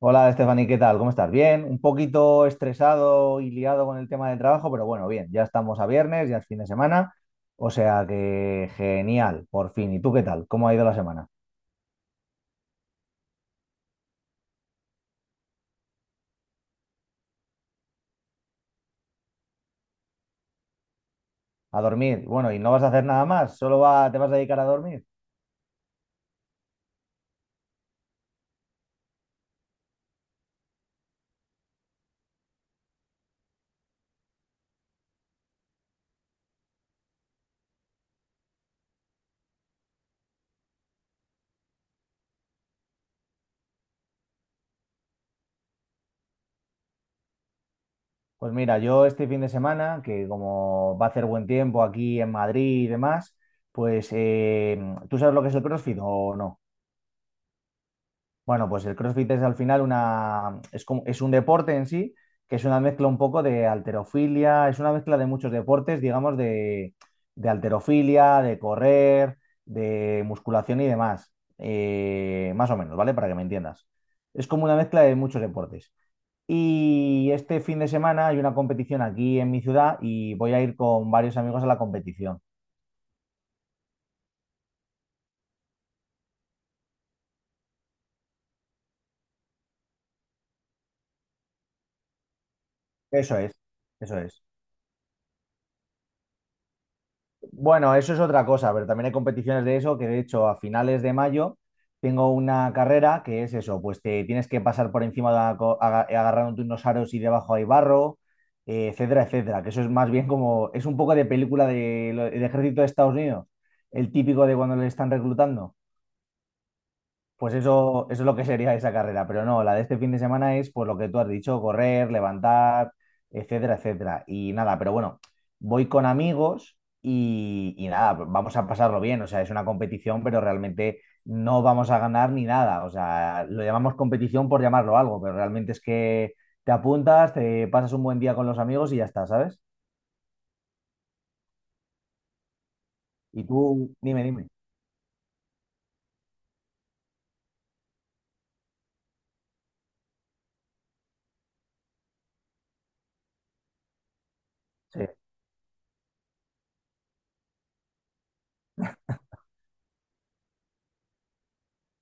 Hola, Stephanie, ¿qué tal? ¿Cómo estás? Bien, un poquito estresado y liado con el tema del trabajo, pero bueno, bien, ya estamos a viernes, ya es fin de semana, o sea que genial, por fin. ¿Y tú qué tal? ¿Cómo ha ido la semana? A dormir. Bueno, ¿y no vas a hacer nada más? ¿Solo te vas a dedicar a dormir? Pues mira, yo este fin de semana, que como va a hacer buen tiempo aquí en Madrid y demás, pues ¿tú sabes lo que es el CrossFit o no? Bueno, pues el CrossFit es al final una, es como, es un deporte en sí, que es una mezcla un poco de alterofilia, es una mezcla de muchos deportes, digamos, de halterofilia, de correr, de musculación y demás. Más o menos, ¿vale? Para que me entiendas. Es como una mezcla de muchos deportes. Y este fin de semana hay una competición aquí en mi ciudad y voy a ir con varios amigos a la competición. Eso es, eso es. Bueno, eso es otra cosa, pero también hay competiciones de eso que de hecho a finales de mayo tengo una carrera que es eso, pues te tienes que pasar por encima de una agarrándote unos aros y debajo hay barro, etcétera, etcétera, que eso es más bien como, es un poco de película del ejército de Estados Unidos, el típico de cuando le están reclutando. Pues eso es lo que sería esa carrera, pero no, la de este fin de semana es pues lo que tú has dicho, correr, levantar, etcétera, etcétera. Y nada, pero bueno, voy con amigos y nada, vamos a pasarlo bien, o sea, es una competición, pero realmente no vamos a ganar ni nada, o sea, lo llamamos competición por llamarlo algo, pero realmente es que te apuntas, te pasas un buen día con los amigos y ya está, ¿sabes? Y tú, dime, dime. Sí,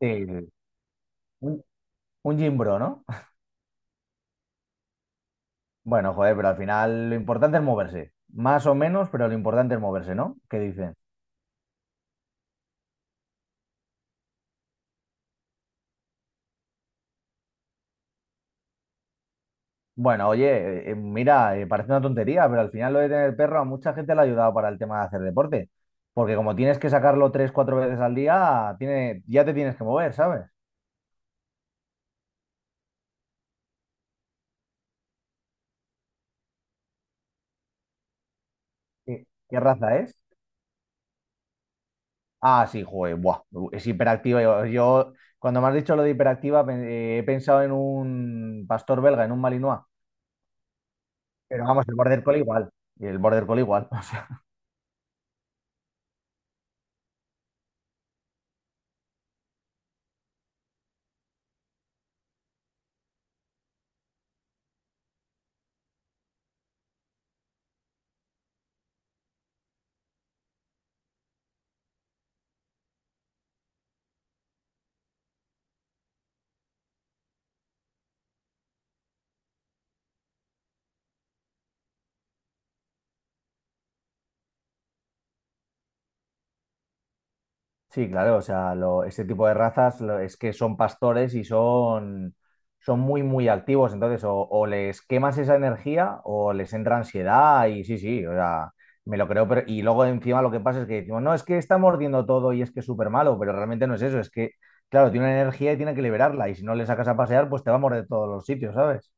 sí, sí. Un, un gym bro, ¿no? Bueno, joder, pero al final lo importante es moverse. Más o menos, pero lo importante es moverse, ¿no? ¿Qué dicen? Bueno, oye, mira, parece una tontería, pero al final lo de tener perro a mucha gente le ha ayudado para el tema de hacer deporte. Porque como tienes que sacarlo tres, cuatro veces al día, tiene, ya te tienes que mover, ¿sabes? Qué raza es? Ah, sí, joder, buah, es hiperactiva. Cuando me has dicho lo de hiperactiva, he pensado en un pastor belga, en un Malinois. Pero vamos, el Border Collie igual. Y el Border Collie igual. Sí, claro, o sea, este tipo de razas es que son pastores y son, son muy, muy activos. Entonces, o les quemas esa energía o les entra ansiedad y sí, sí, o sea, me lo creo. Pero, y luego encima lo que pasa es que decimos, no, es que está mordiendo todo y es que es súper malo, pero realmente no es eso, es que, claro, tiene una energía y tiene que liberarla y si no le sacas a pasear, pues te va a morder todos los sitios, ¿sabes?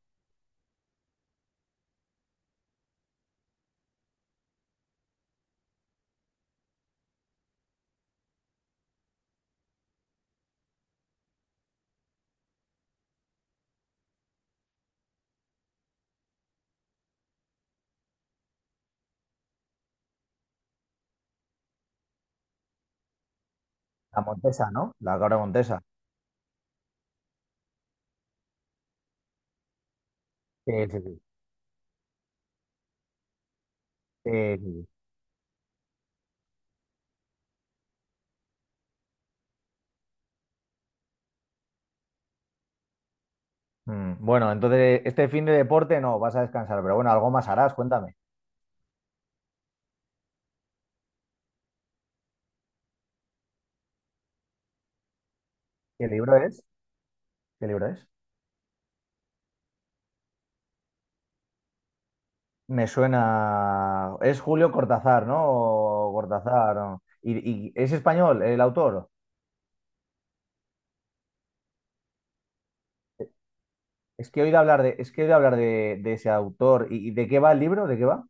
La Montesa, ¿no? La cabra Montesa. Sí, sí, sí. Sí, sí, sí. Bueno, entonces este fin de deporte no, vas a descansar, pero bueno, algo más harás, cuéntame. ¿Qué libro es? ¿Qué libro es? Me suena. Es Julio Cortázar, ¿no? O Cortázar, ¿no? Y es español el autor? Es que he oído hablar de, es que he oído hablar de ese autor. Y de qué va el libro? ¿De qué va?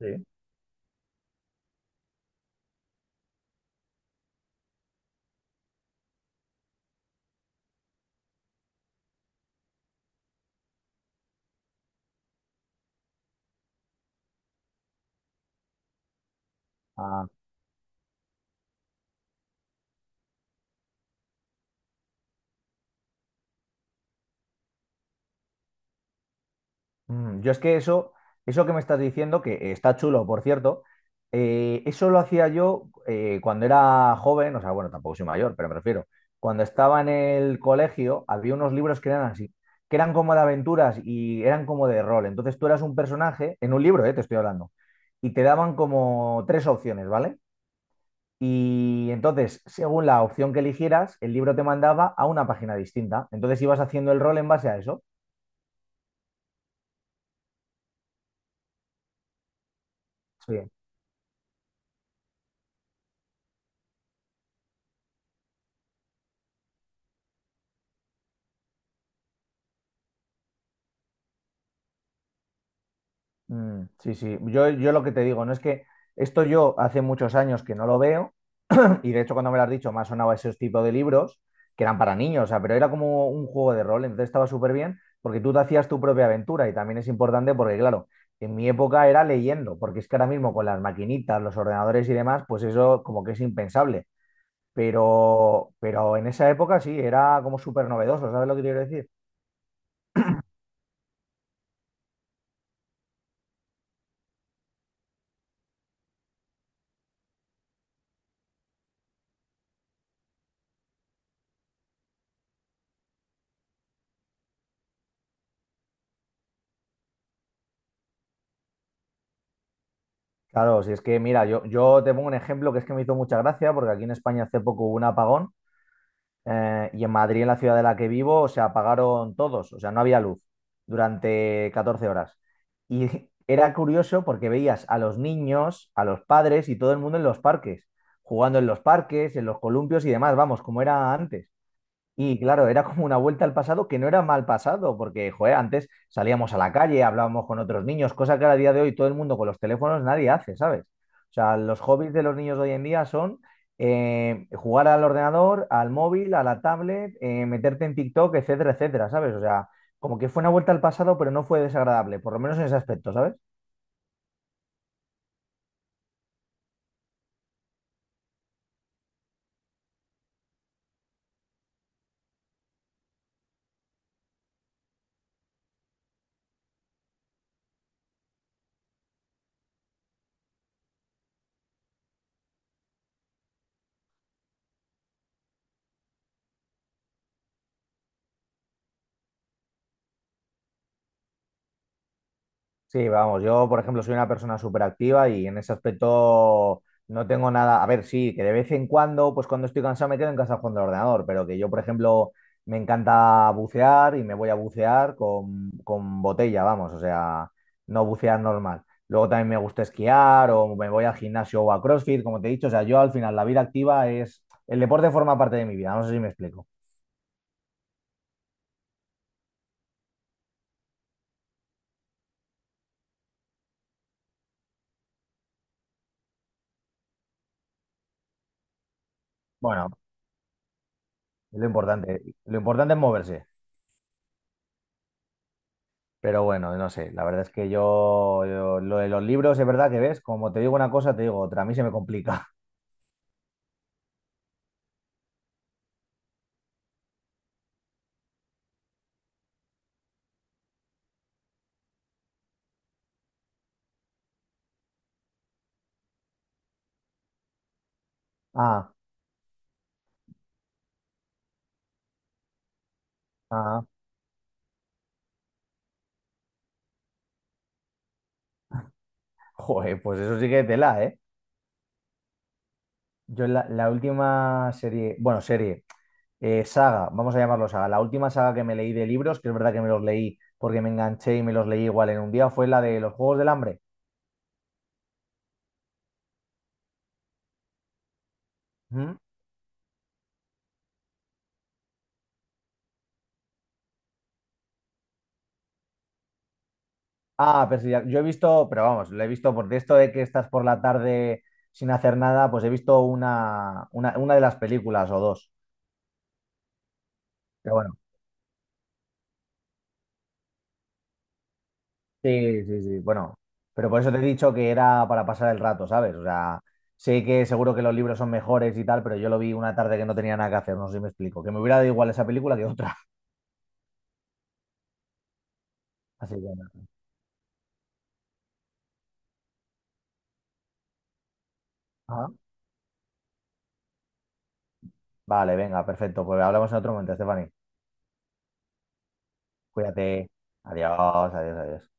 Sí. Ah. Yo es que eso que me estás diciendo, que está chulo, por cierto, eso lo hacía yo cuando era joven, o sea, bueno, tampoco soy mayor, pero me refiero, cuando estaba en el colegio había unos libros que eran así, que eran como de aventuras y eran como de rol. Entonces tú eras un personaje, en un libro, te estoy hablando, y te daban como tres opciones, ¿vale? Y entonces, según la opción que eligieras, el libro te mandaba a una página distinta. Entonces ibas haciendo el rol en base a eso. Sí. Mm, sí, sí. Yo lo que te digo, no es que esto yo hace muchos años que no lo veo, y de hecho cuando me lo has dicho me ha sonado ese tipo de libros que eran para niños, o sea, pero era como un juego de rol, entonces estaba súper bien porque tú te hacías tu propia aventura y también es importante porque, claro, en mi época era leyendo, porque es que ahora mismo con las maquinitas, los ordenadores y demás, pues eso como que es impensable, pero en esa época sí, era como súper novedoso, ¿sabes lo que quiero decir? Claro, si es que, mira, yo te pongo un ejemplo que es que me hizo mucha gracia, porque aquí en España hace poco hubo un apagón y en Madrid, en la ciudad de la que vivo, se apagaron todos, o sea, no había luz durante 14 horas. Y era curioso porque veías a los niños, a los padres y todo el mundo en los parques, jugando en los parques, en los columpios y demás, vamos, como era antes. Y claro, era como una vuelta al pasado que no era mal pasado, porque, joder, antes salíamos a la calle, hablábamos con otros niños, cosa que a día de hoy todo el mundo con los teléfonos nadie hace, ¿sabes? O sea, los hobbies de los niños de hoy en día son jugar al ordenador, al móvil, a la tablet, meterte en TikTok, etcétera, etcétera, ¿sabes? O sea, como que fue una vuelta al pasado, pero no fue desagradable, por lo menos en ese aspecto, ¿sabes? Sí, vamos, yo por ejemplo soy una persona súper activa y en ese aspecto no tengo nada, a ver, sí, que de vez en cuando, pues cuando estoy cansado me quedo en casa jugando al ordenador, pero que yo por ejemplo me encanta bucear y me voy a bucear con botella, vamos, o sea, no bucear normal. Luego también me gusta esquiar o me voy al gimnasio o a CrossFit, como te he dicho, o sea, yo al final la vida activa es, el deporte forma parte de mi vida, no sé si me explico. Bueno, es lo importante es moverse. Pero bueno, no sé, la verdad es que lo de los libros es verdad que ves, como te digo una cosa, te digo otra, a mí se me complica. Ah, ah, joder, pues eso sí que tela, ¿eh? La última serie, bueno, serie, saga, vamos a llamarlo saga, la última saga que me leí de libros, que es verdad que me los leí porque me enganché y me los leí igual en un día, fue la de los Juegos del Hambre. ¿Mm? Ah, pero sí, yo he visto, pero vamos, lo he visto porque esto de que estás por la tarde sin hacer nada, pues he visto una de las películas o dos. Pero bueno. Sí, sí, sí. Bueno, pero por eso te he dicho que era para pasar el rato, ¿sabes? O sea, sé que seguro que los libros son mejores y tal, pero yo lo vi una tarde que no tenía nada que hacer, no sé si me explico. Que me hubiera dado igual esa película que otra. Así que nada. Ajá. Vale, venga, perfecto. Pues hablamos en otro momento, Stephanie. Cuídate. Adiós, adiós, adiós.